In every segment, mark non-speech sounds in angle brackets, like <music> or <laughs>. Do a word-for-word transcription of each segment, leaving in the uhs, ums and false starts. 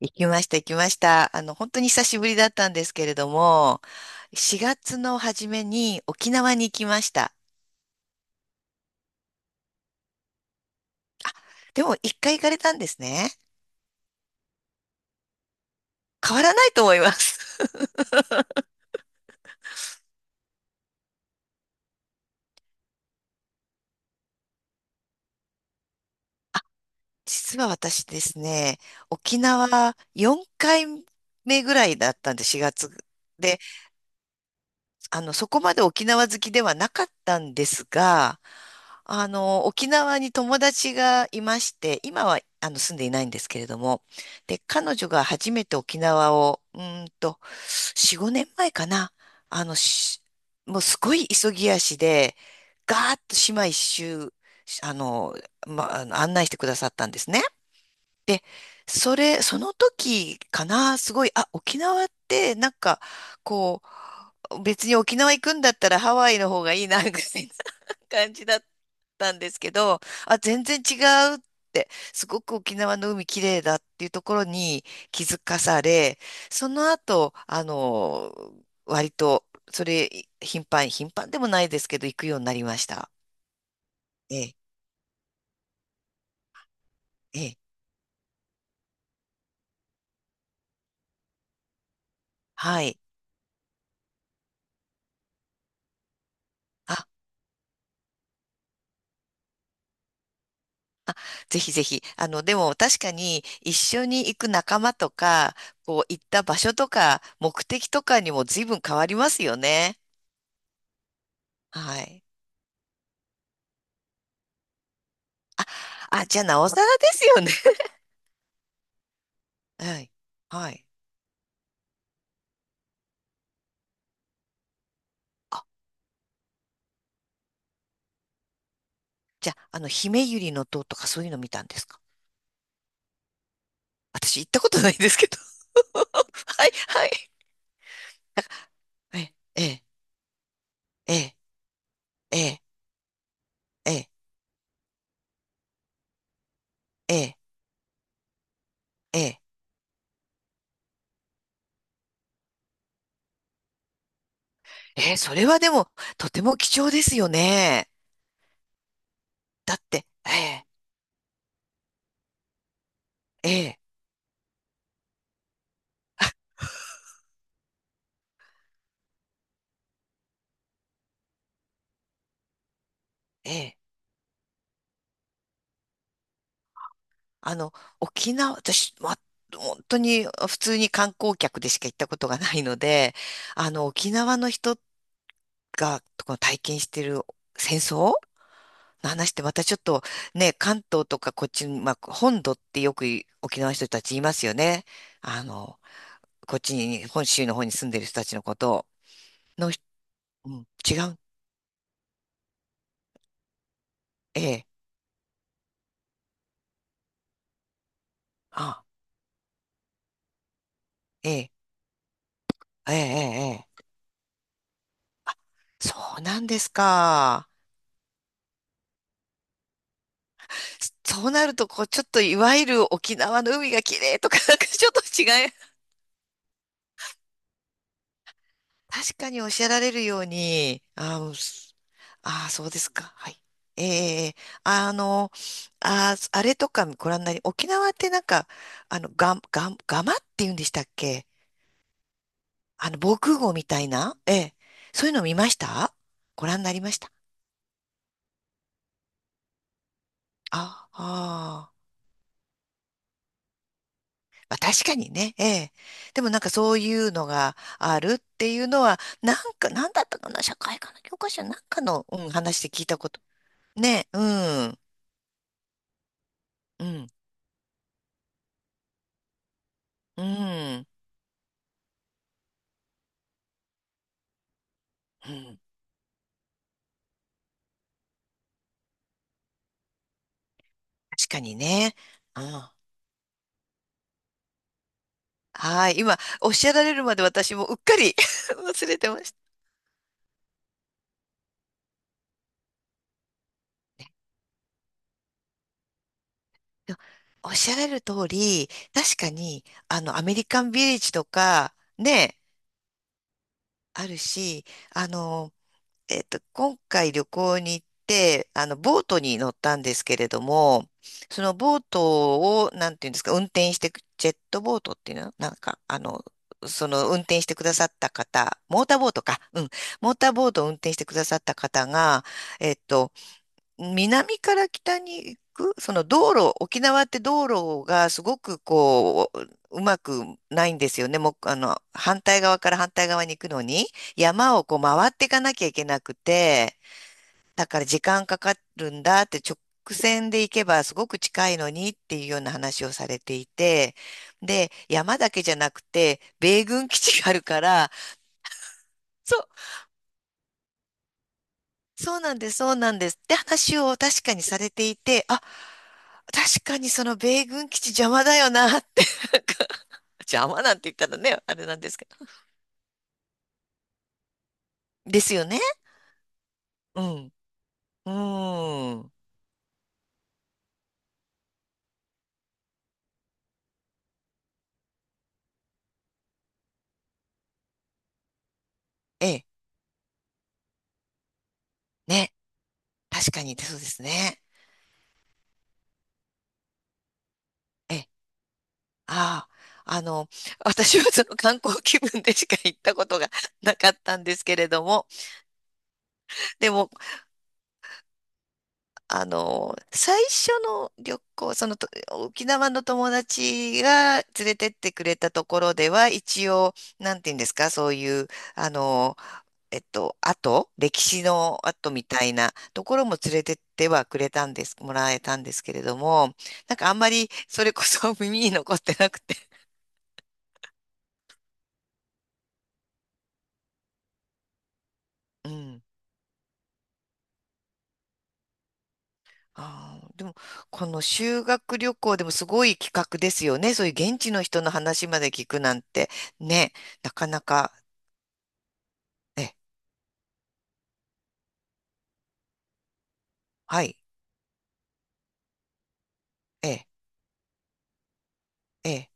行きました、行きました。あの、本当に久しぶりだったんですけれども、しがつの初めに沖縄に行きました。でも、一回行かれたんですね。変わらないと思います。<laughs> 実は私ですね、沖縄よんかいめぐらいだったんで、しがつ。で、あの、そこまで沖縄好きではなかったんですが、あの、沖縄に友達がいまして、今はあの住んでいないんですけれども、で、彼女が初めて沖縄を、うーんと、よん、ごねんまえかな。あの、しもうすごい急ぎ足で、ガーッと島一周、あの、ま、あの案内してくださったんですね。で、それ、その時かな、すごい、あ、沖縄って、なんか、こう、別に沖縄行くんだったらハワイの方がいいな、ぐらい感じだったんですけど、あ、全然違うって、すごく沖縄の海綺麗だっていうところに気づかされ、その後、あの、割と、それ、頻繁、頻繁でもないですけど、行くようになりました。ええ、ええ、はい。あ、あ、ぜひぜひ。あの、でも確かに一緒に行く仲間とか、こう、行った場所とか、目的とかにも随分変わりますよね。はい。あ、あ、じゃあ、なおさらですよね。はい。はい。あ、じゃあ、あの、姫百合の塔とかそういうの見たんですか私行ったことないんですけど。<laughs> はい、はい。え、え、え、え、え、え、え、え、え、それはでも、とても貴重ですよね。だって、ええ、ええ、ええ、あの、沖縄、私、ま、本当に普通に観光客でしか行ったことがないので、あの、沖縄の人が、この体験してる戦争の話ってまたちょっとね、関東とかこっちに、まあ、本土ってよくい沖縄の人たち言いますよね。あの、こっちに、本州の方に住んでる人たちのことを。の、うん、違う。ええ、あ、ええ、ええ、ええ、ええそうなんですか。そうなると、こう、ちょっといわゆる沖縄の海が綺麗とか、なんかちょっと違い確かにおっしゃられるように、あー、うんすあー、そうですか。はい。ええあの、あー、あれとかご覧になり、沖縄ってなんか、あの、が、が、がまって言うんでしたっけあの、防空壕みたいな、ええ、そういうの見ましたご覧になりました。ああまあ、確かにね、ええ。でもなんかそういうのがあるっていうのは、なんか、なんだったかな、社会科の教科書なんかの、うん、話で聞いたこと。ね、うん、うん。うん。うん。確かにね。うん。はい。今、おっしゃられるまで私もうっかり <laughs> 忘れてました。おっしゃられる通り、確かに、あの、アメリカンビレッジとか、ね、あるし、あの、えっと、今回旅行に行って、あの、ボートに乗ったんですけれども、そのボートを、なんていうんですか、運転してく、ジェットボートっていうのなんか、あの、その運転してくださった方、モーターボートか、うん、モーターボートを運転してくださった方が、えっと、南から北に行く、その道路、沖縄って道路がすごくこう、うまくないんですよね。もう、あの、反対側から反対側に行くのに、山をこう回っていかなきゃいけなくて、だから時間かかるんだって直線で行けばすごく近いのにっていうような話をされていて、で、山だけじゃなくて、米軍基地があるから、そうそうなんです、そうなんです。って話を確かにされていて、あ、確かにその米軍基地邪魔だよなって、なんか <laughs> 邪魔なんて言ったらね、あれなんですけど。ですよね。うん。うーん。ええ、ね。確かに、そうですね。ええ、ああ、あの、私はその観光気分でしか行ったことがなかったんですけれども、でも、あの、最初の旅行、そのと、沖縄の友達が連れてってくれたところでは、一応、なんていうんですか、そういう、あの、えっと、跡、歴史の跡みたいなところも連れてってはくれたんです、もらえたんですけれども、なんかあんまりそれこそ <laughs> 耳に残ってなくて。うん。ああ、でも、この修学旅行でもすごい企画ですよね。そういう現地の人の話まで聞くなんて、ね、なかなか。ねはい。ええ、ええ、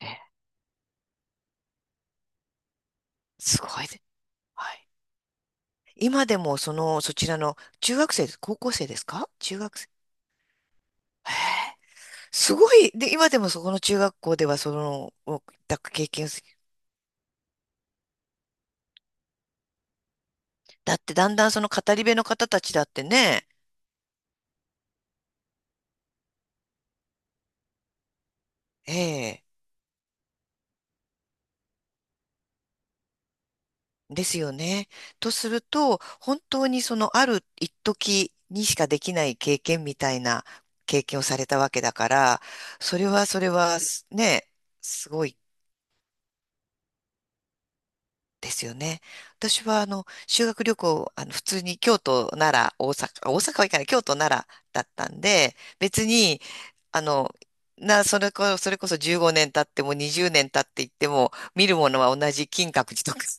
ええすごいで。はい。今でも、その、そちらの、中学生です、高校生ですか中学生。へえ、すごい。で、今でもそこの中学校では、その、おだ経験すだって、だんだんその語り部の方たちだってね、ええ、ですよね。とすると、本当にその、ある一時にしかできない経験みたいな経験をされたわけだから、それは、それは、すね、すごいですよね。私はあの修学旅行、あの普通に京都、奈良、大阪、大阪は行かない、京都、奈良だったんで、別に、あの、な、それこ、<laughs> それこそじゅうごねん経ってもにじゅうねん経っていっても、見るものは同じ金閣寺とか。<laughs>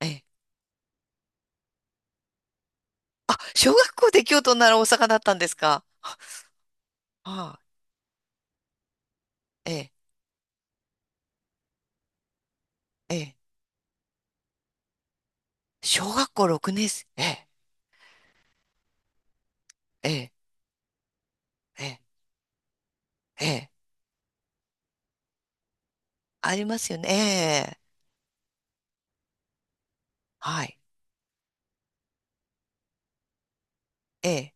ええ。あ、小学校で京都、奈良、大阪だったんですか。はあ、ええ、ええ。小学校ろくねん生、ええ、ええ、ええ、ええありますよね。ええ、はい、ええ。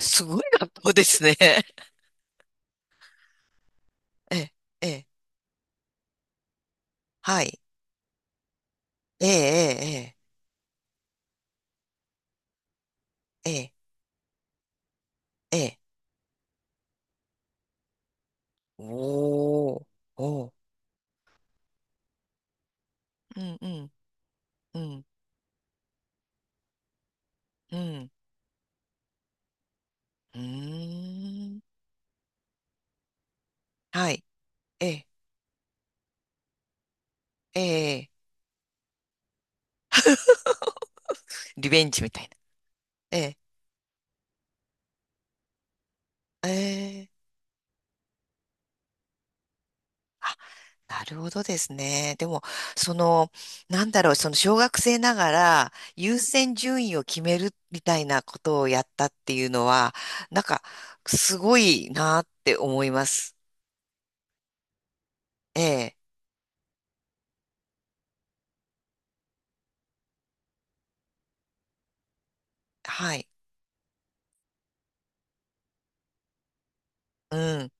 すごい学校ですね。<laughs> ええ、ええ。はい。ええ、ええ、ええ、ええ。ええおー、おー。うん、うん、うん、うん。うーん。はい。ええ、ええ。リベンジみたいな。ええ、ええ。あ、なるほどですね。でも、その、なんだろう、その小学生ながら優先順位を決めるみたいなことをやったっていうのは、なんか、すごいなって思います。ええ、はい。うん。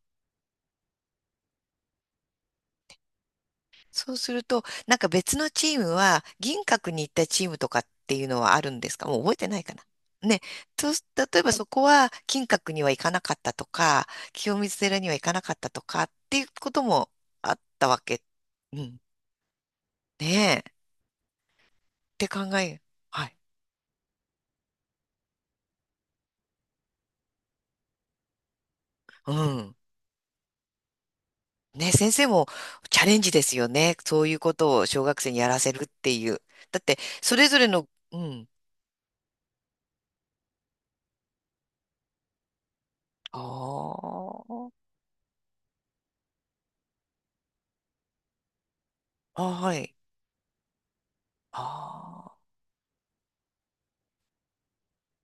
そうすると、なんか別のチームは、銀閣に行ったチームとかっていうのはあるんですかもう覚えてないかな。ね、そうす、例えばそこは金閣には行かなかったとか、清水寺には行かなかったとかっていうこともあったわけ。うん。ねえ、って考え、はい。うん。ね、先生もチャレンジですよね。そういうことを小学生にやらせるっていう。だって、それぞれの、うん。ああ、あはい。ああ。